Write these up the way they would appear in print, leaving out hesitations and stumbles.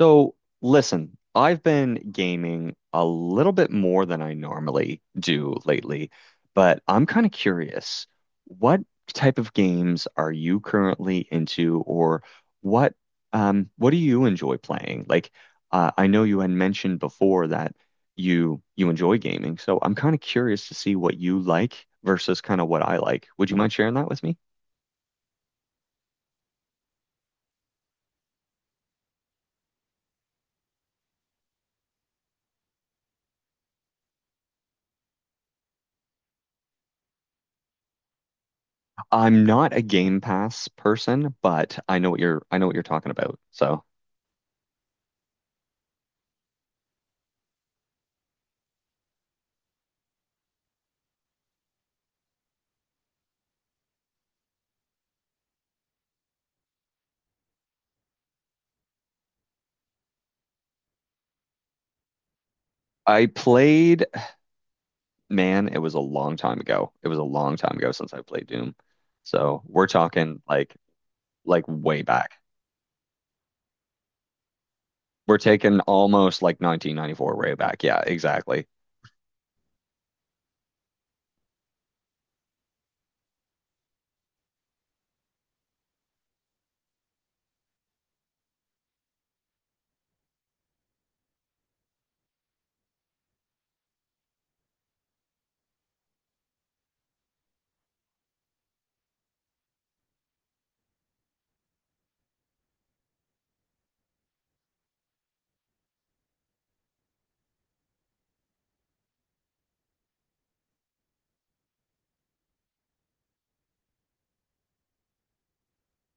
So, listen, I've been gaming a little bit more than I normally do lately, but I'm kind of curious, what type of games are you currently into, or what what do you enjoy playing? Like, I know you had mentioned before that you enjoy gaming, so I'm kind of curious to see what you like versus kind of what I like. Would you mind sharing that with me? I'm not a Game Pass person, but I know what you're I know what you're talking about. So. I played, man, it was a long time ago. It was a long time ago since I played Doom. So we're talking like way back. We're taking almost like 1994-way back. Yeah, exactly.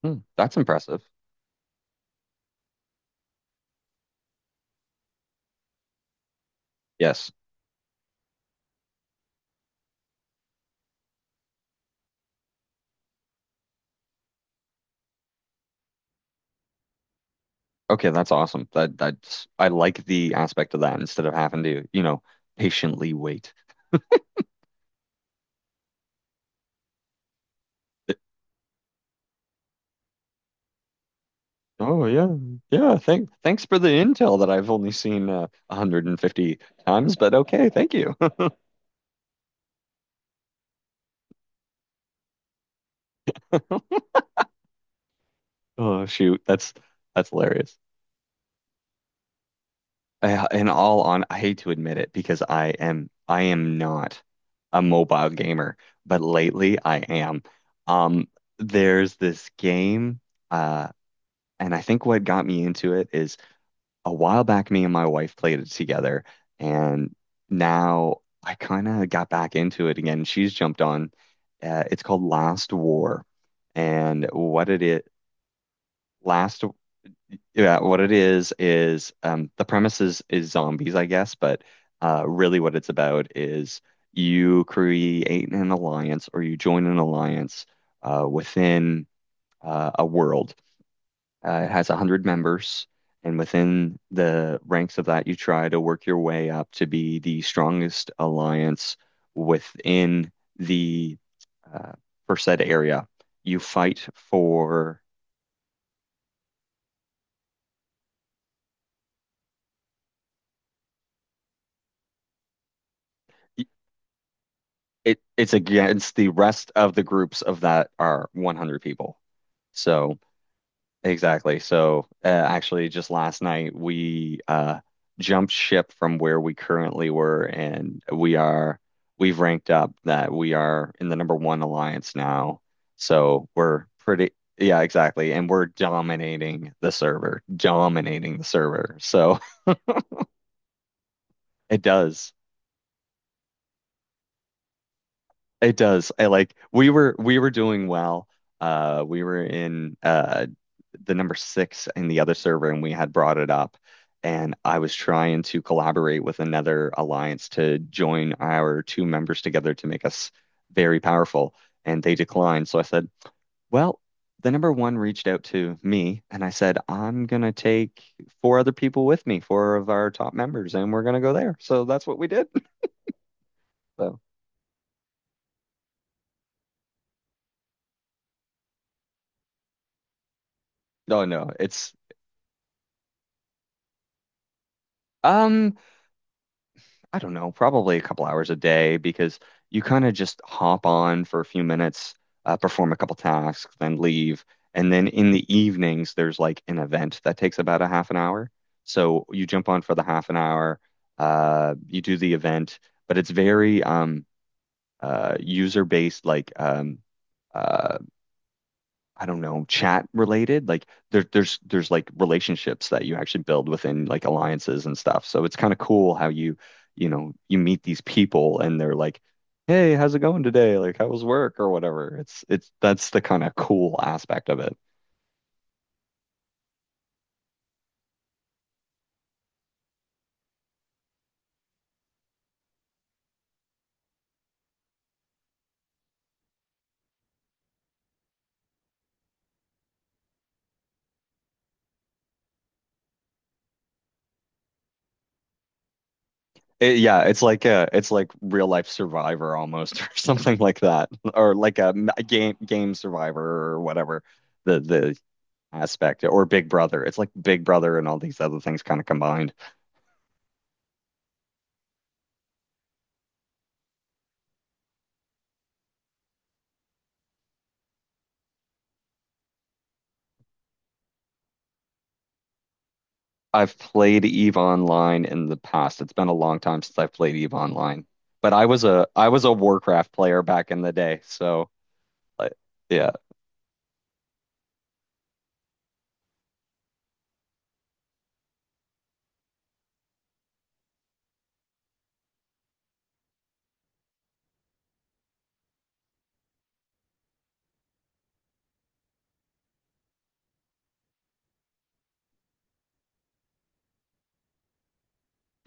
Hmm, that's impressive. Yes. Okay, that's awesome. That's I like the aspect of that instead of having to, you know, patiently wait. Oh yeah. Yeah, thanks for the intel that I've only seen 150 times, but okay, thank you. Oh shoot, that's hilarious. I hate to admit it because I am not a mobile gamer, but lately I am. Um, there's this game, uh, and I think what got me into it is a while back, me and my wife played it together, and now I kind of got back into it again. She's jumped on. It's called Last War, and what it is, Last yeah, what it is the premise is zombies, I guess, but really what it's about is you create an alliance or you join an alliance within a world. It has 100 members, and within the ranks of that, you try to work your way up to be the strongest alliance within the uh, per said area. You fight for. It's against the rest of the groups of that are 100 people. So exactly. So actually, just last night we jumped ship from where we currently were, and we've ranked up that we are in the number one alliance now. So we're pretty. Yeah, exactly. And we're dominating the server, dominating the server. So it does. It does. I like we were doing well. We were in the number six in the other server and we had brought it up and I was trying to collaborate with another alliance to join our two members together to make us very powerful and they declined. So I said, well, the number one reached out to me and I said, I'm gonna take four other people with me, four of our top members, and we're gonna go there. So that's what we did. So, no, no, it's um I don't know, probably a couple hours a day because you kind of just hop on for a few minutes, perform a couple tasks, then leave. And then in the evenings, there's like an event that takes about a half an hour. So you jump on for the half an hour, you do the event, but it's very user-based, like uh, I don't know, chat related. Like there's like relationships that you actually build within like alliances and stuff. So it's kind of cool how you, you know, you meet these people and they're like, "Hey, how's it going today? Like, how was work or whatever." It's that's the kind of cool aspect of it. Yeah, it's like real life Survivor almost, or something like that, or like a, a game Survivor or whatever the aspect or Big Brother. It's like Big Brother and all these other things kind of combined. I've played Eve Online in the past. It's been a long time since I've played Eve Online. But I was a Warcraft player back in the day. So like yeah.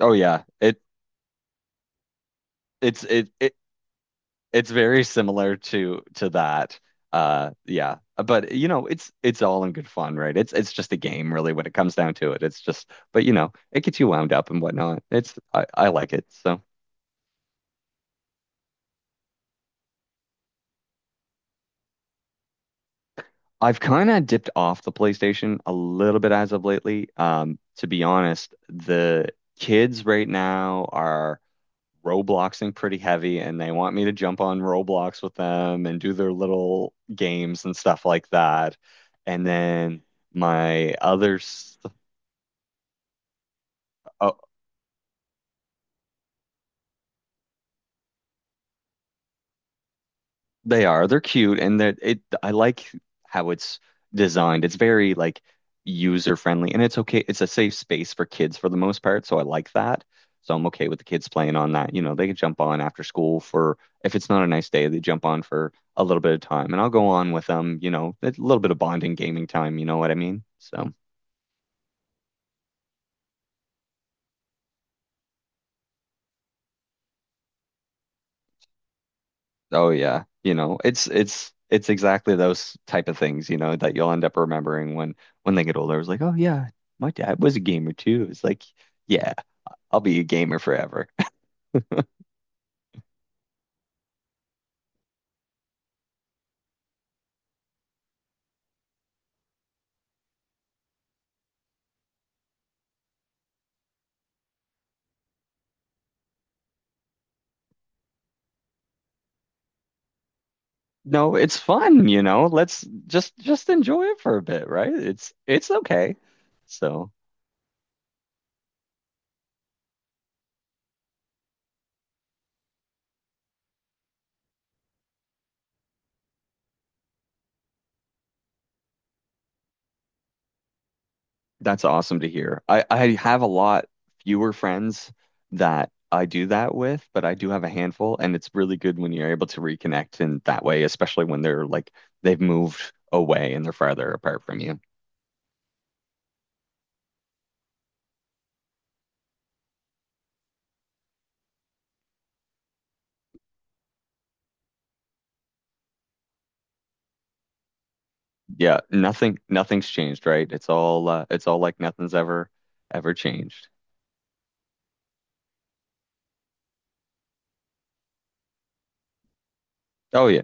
Oh yeah. It it's very similar to that. Yeah. But you know, it's all in good fun, right? It's just a game really when it comes down to it. It's just but you know, it gets you wound up and whatnot. It's I like it. So I've kind of dipped off the PlayStation a little bit as of lately. To be honest, the kids right now are Robloxing pretty heavy, and they want me to jump on Roblox with them and do their little games and stuff like that. And then my other, s- uh, they are. They're cute, and that it. I like how it's designed. It's very like user friendly, and it's okay. It's a safe space for kids for the most part, so I like that. So I'm okay with the kids playing on that. You know, they can jump on after school for if it's not a nice day, they jump on for a little bit of time, and I'll go on with them. You know, a little bit of bonding gaming time. You know what I mean? So. Oh yeah, you know, it's exactly those type of things, you know, that you'll end up remembering when they get older. It was like, oh yeah, my dad was a gamer too. It's like, yeah, I'll be a gamer forever. No, it's fun, you know. Let's just enjoy it for a bit, right? It's okay. So. That's awesome to hear. I have a lot fewer friends that I do that with, but I do have a handful, and it's really good when you're able to reconnect in that way, especially when they're like they've moved away and they're farther apart from you. Yeah, nothing nothing's changed, right? It's all like nothing's ever changed. Oh yeah.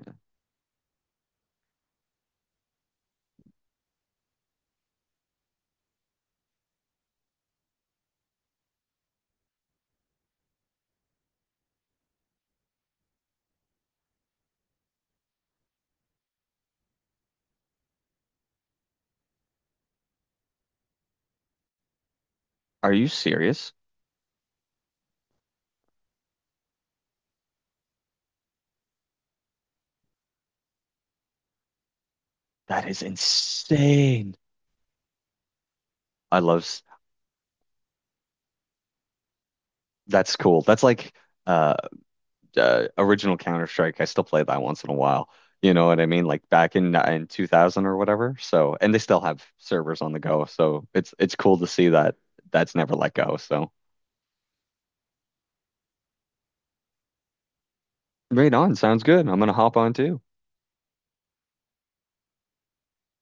Are you serious? That is insane. I love s- that's cool. That's like uh original Counter Strike. I still play that once in a while. You know what I mean? Like back in 2000 or whatever. So, and they still have servers on the go. So it's cool to see that that's never let go. So, right on. Sounds good. I'm gonna hop on too.